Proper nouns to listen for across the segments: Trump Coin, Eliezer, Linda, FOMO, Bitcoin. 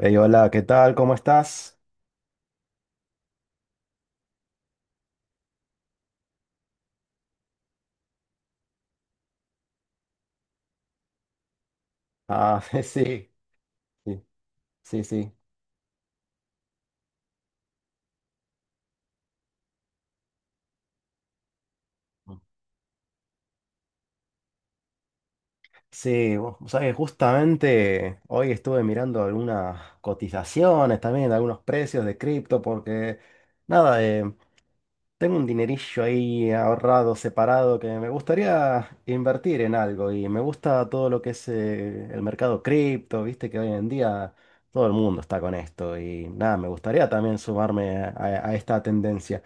Hey, hola, ¿qué tal? ¿Cómo estás? Ah, sí, sí, sí. Sí, vos sabés, justamente hoy estuve mirando algunas cotizaciones también, algunos precios de cripto, porque nada, tengo un dinerillo ahí ahorrado, separado, que me gustaría invertir en algo y me gusta todo lo que es el mercado cripto, viste que hoy en día todo el mundo está con esto y nada, me gustaría también sumarme a esta tendencia.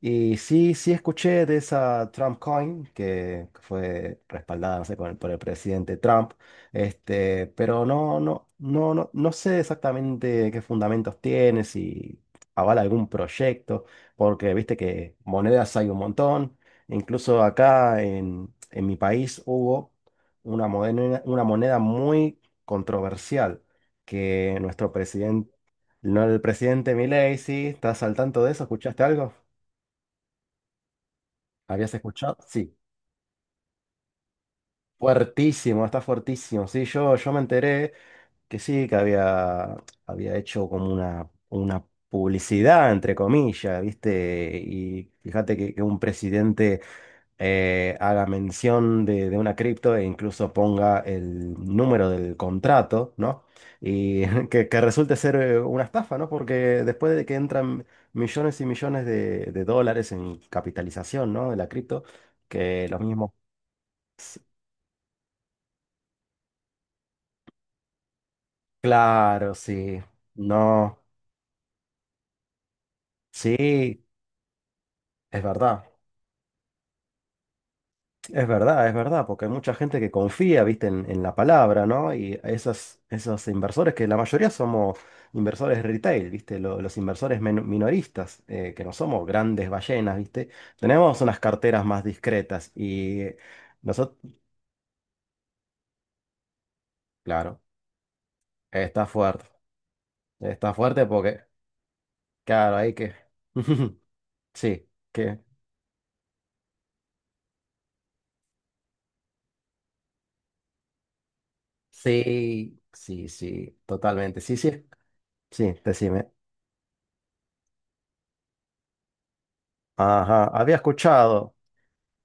Y sí, sí escuché de esa Trump Coin que fue respaldada, no sé, por el presidente Trump, este, pero no sé exactamente qué fundamentos tiene, si avala algún proyecto, porque viste que monedas hay un montón. Incluso acá en mi país hubo una moneda muy controversial que nuestro presidente, no, el presidente Milei, sí, ¿estás al tanto de eso? ¿Escuchaste algo? ¿Habías escuchado? Sí, fuertísimo, está fuertísimo. Sí, yo me enteré que sí, que había, había hecho como una publicidad, entre comillas, ¿viste? Y fíjate que un presidente haga mención de una cripto e incluso ponga el número del contrato, ¿no? Y que resulte ser una estafa, ¿no? Porque después de que entran millones y millones de dólares en capitalización, ¿no? De la cripto, que los mismos... Claro, sí. No, sí, es verdad. Es verdad, es verdad, porque hay mucha gente que confía, viste, en la palabra, ¿no? Y esas, esos inversores, que la mayoría somos inversores retail, viste, los inversores minoristas, que no somos grandes ballenas, viste. Tenemos unas carteras más discretas y nosotros, claro, está fuerte. Está fuerte porque, claro, hay que... Sí, que... Sí, sí, sí, totalmente. Sí, sí. Sí, decime. Ajá, había escuchado.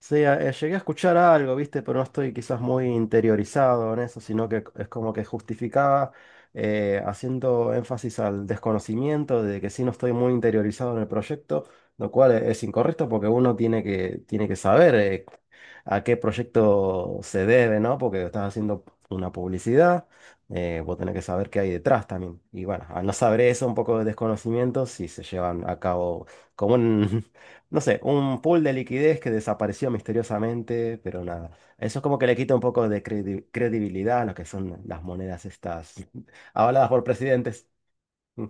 Sí, llegué a escuchar algo, ¿viste? Pero no estoy quizás muy interiorizado en eso, sino que es como que justificaba haciendo énfasis al desconocimiento de que sí no estoy muy interiorizado en el proyecto, lo cual es incorrecto porque uno tiene que saber a qué proyecto se debe, ¿no? Porque estás haciendo una publicidad, vos tenés que saber qué hay detrás también. Y bueno, al no saber eso, un poco de desconocimiento, si se llevan a cabo como en no sé, un pool de liquidez que desapareció misteriosamente, pero nada. Eso es como que le quita un poco de credibilidad a lo que son las monedas estas avaladas por presidentes. Mm,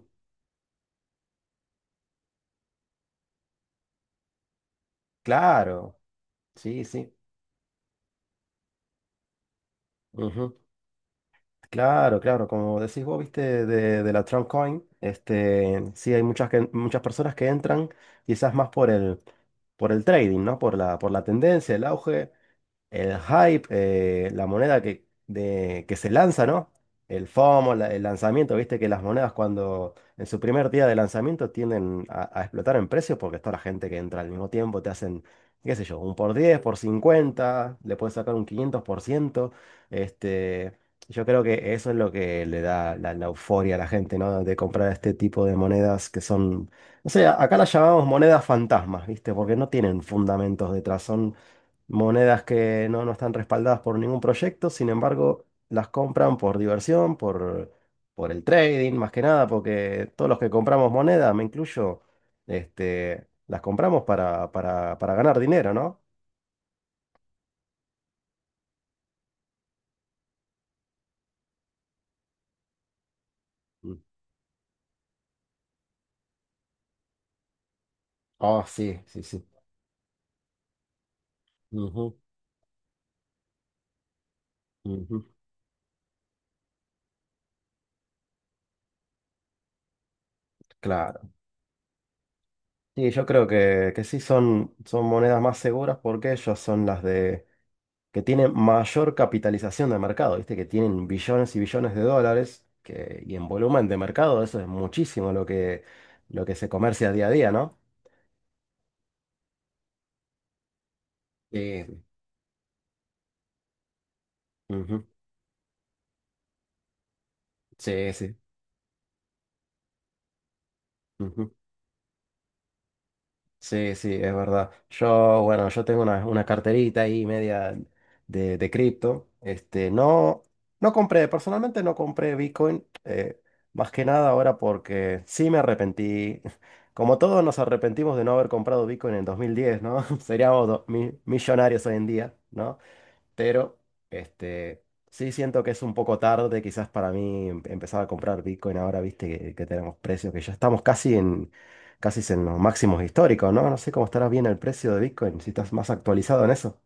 Claro, sí, sí. Ujú. Claro, claro, como decís vos, viste, de la Trump Coin, este, sí hay muchas, muchas personas que entran quizás más por por el trading, ¿no? Por por la tendencia, el auge. El hype, la moneda que, que se lanza, ¿no? El FOMO, el lanzamiento, viste que las monedas cuando en su primer día de lanzamiento tienden a explotar en precio porque está la gente que entra al mismo tiempo, te hacen, qué sé yo, un por 10 por 50 le puedes sacar un 500%. Este, yo creo que eso es lo que le da la, la euforia a la gente, ¿no? De comprar este tipo de monedas que son, no sé, acá las llamamos monedas fantasmas, ¿viste? Porque no tienen fundamentos detrás, son monedas que no están respaldadas por ningún proyecto, sin embargo, las compran por diversión, por el trading, más que nada, porque todos los que compramos monedas, me incluyo, este, las compramos para ganar dinero, ¿no? Mm. Oh, sí, sí, sí. Ujú, ujú. Claro. Sí, yo creo que sí son, son monedas más seguras porque ellos son las de que tienen mayor capitalización de mercado, ¿viste? Que tienen billones y billones de dólares que, y en volumen de mercado eso es muchísimo lo que se comercia día a día, ¿no? Sí, ujú, sí, sí, ujú. Sí, sí, es verdad. Yo, bueno, yo tengo una carterita ahí media de cripto. Este, no, no compré, personalmente no compré Bitcoin, más que nada ahora porque sí me arrepentí. Como todos nos arrepentimos de no haber comprado Bitcoin en 2010, ¿no? Seríamos millonarios hoy en día, ¿no? Pero, este, sí siento que es un poco tarde quizás para mí empezar a comprar Bitcoin ahora, viste, que tenemos precios que ya estamos casi en, casi en los máximos históricos, ¿no? No sé cómo estará bien el precio de Bitcoin, si estás más actualizado en eso.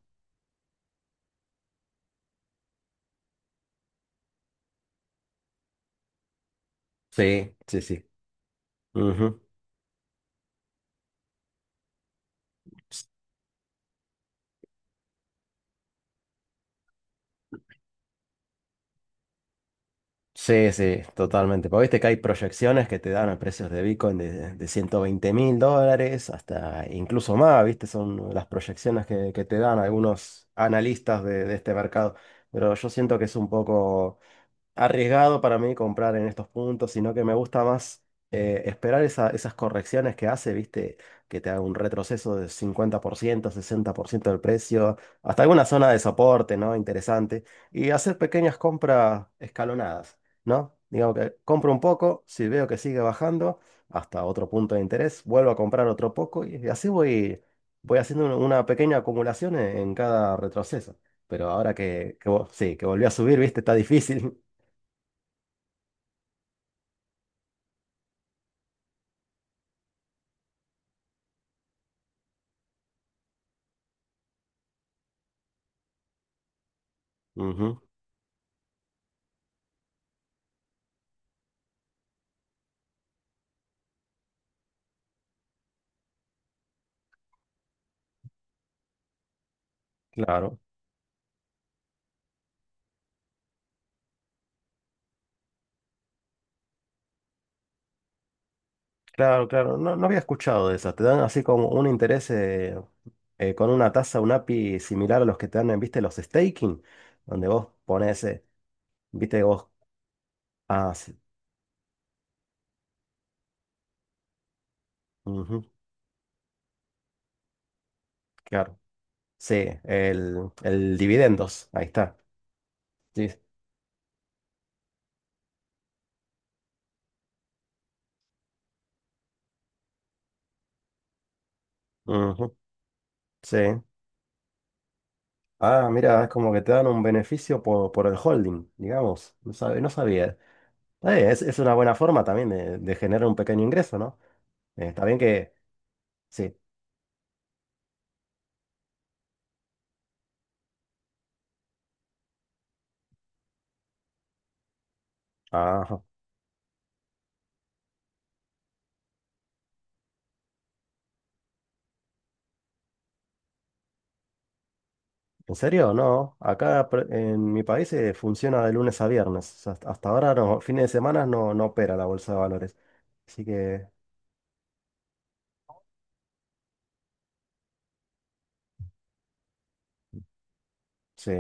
Sí, sí, sí. Ujú. S- Sí, sí, totalmente. Porque viste que hay proyecciones que te dan a precios de Bitcoin de 120.000 dólares hasta incluso más, viste, son las proyecciones que te dan algunos analistas de este mercado. Pero yo siento que es un poco arriesgado para mí comprar en estos puntos, sino que me gusta más esperar esas correcciones que hace, ¿viste? Que te haga un retroceso de 50%, 60% del precio, hasta alguna zona de soporte, ¿no? Interesante. Y hacer pequeñas compras escalonadas, ¿no? Digamos que compro un poco, si veo que sigue bajando hasta otro punto de interés, vuelvo a comprar otro poco y así voy, voy haciendo una pequeña acumulación en cada retroceso. Pero ahora sí, que volvió a subir, ¿viste? Está difícil. Ujú. Claro, claro, claro. No, no había escuchado de esas. Te dan así como un interés con una tasa, un API similar a los que te dan, en, viste, los staking, donde vos pones, viste, vos. Ah, sí. Ujú. Claro. Sí, el dividendos. Ahí está. Sí. Ujú. Sí. Ah, mira, es como que te dan un beneficio por el holding, digamos. No sabía. Es una buena forma también de generar un pequeño ingreso, ¿no? Está bien que. Sí. Ajá. ¿En serio? No. Acá en mi país funciona de lunes a viernes. O sea, hasta ahora, no, fines de semana no, no opera la bolsa de valores. Así que, sí.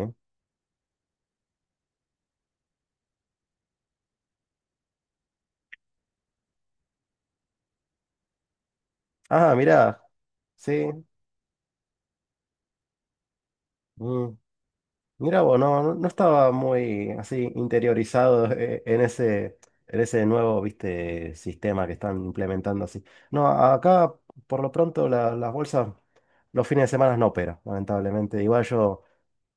Ah, mirá. Sí. Mm. Mirá vos, no, no estaba muy así interiorizado en ese nuevo, viste, sistema que están implementando así. No, acá por lo pronto las bolsas los fines de semana no operan, lamentablemente. Igual yo...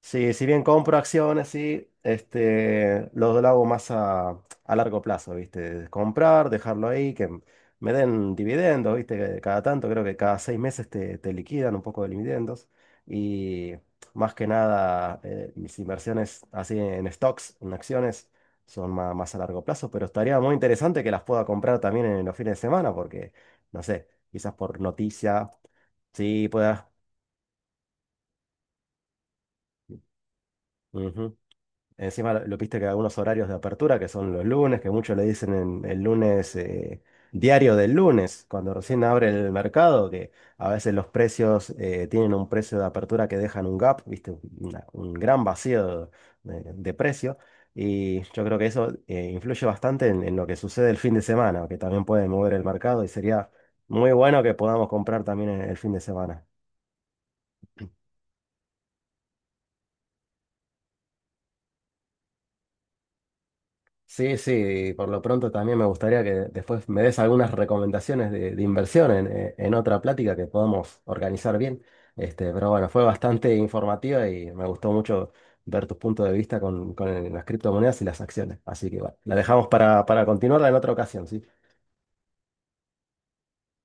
Sí, si bien compro acciones, sí, este, lo hago más a largo plazo, ¿viste? Comprar, dejarlo ahí, que me den dividendos, ¿viste? Que cada tanto, creo que cada 6 meses te, te liquidan un poco de dividendos. Y más que nada, mis inversiones así en stocks, en acciones, son más, más a largo plazo, pero estaría muy interesante que las pueda comprar también en los fines de semana, porque, no sé, quizás por noticia, sí, pueda. Encima lo viste que algunos horarios de apertura, que son los lunes, que muchos le dicen el lunes, diario del lunes, cuando recién abre el mercado, que a veces los precios tienen un precio de apertura que dejan un gap, viste, un gran vacío de precio. Y yo creo que eso influye bastante en lo que sucede el fin de semana, que también puede mover el mercado y sería muy bueno que podamos comprar también el fin de semana. Sí, sí, por lo pronto también me gustaría que después me des algunas recomendaciones de inversión en otra plática que podamos organizar bien. Este, pero bueno, fue bastante informativa y me gustó mucho ver tus puntos de vista con, las criptomonedas y las acciones. Así que bueno, la dejamos para continuarla en otra ocasión, ¿sí?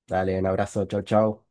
Dale, un abrazo, chau, chau.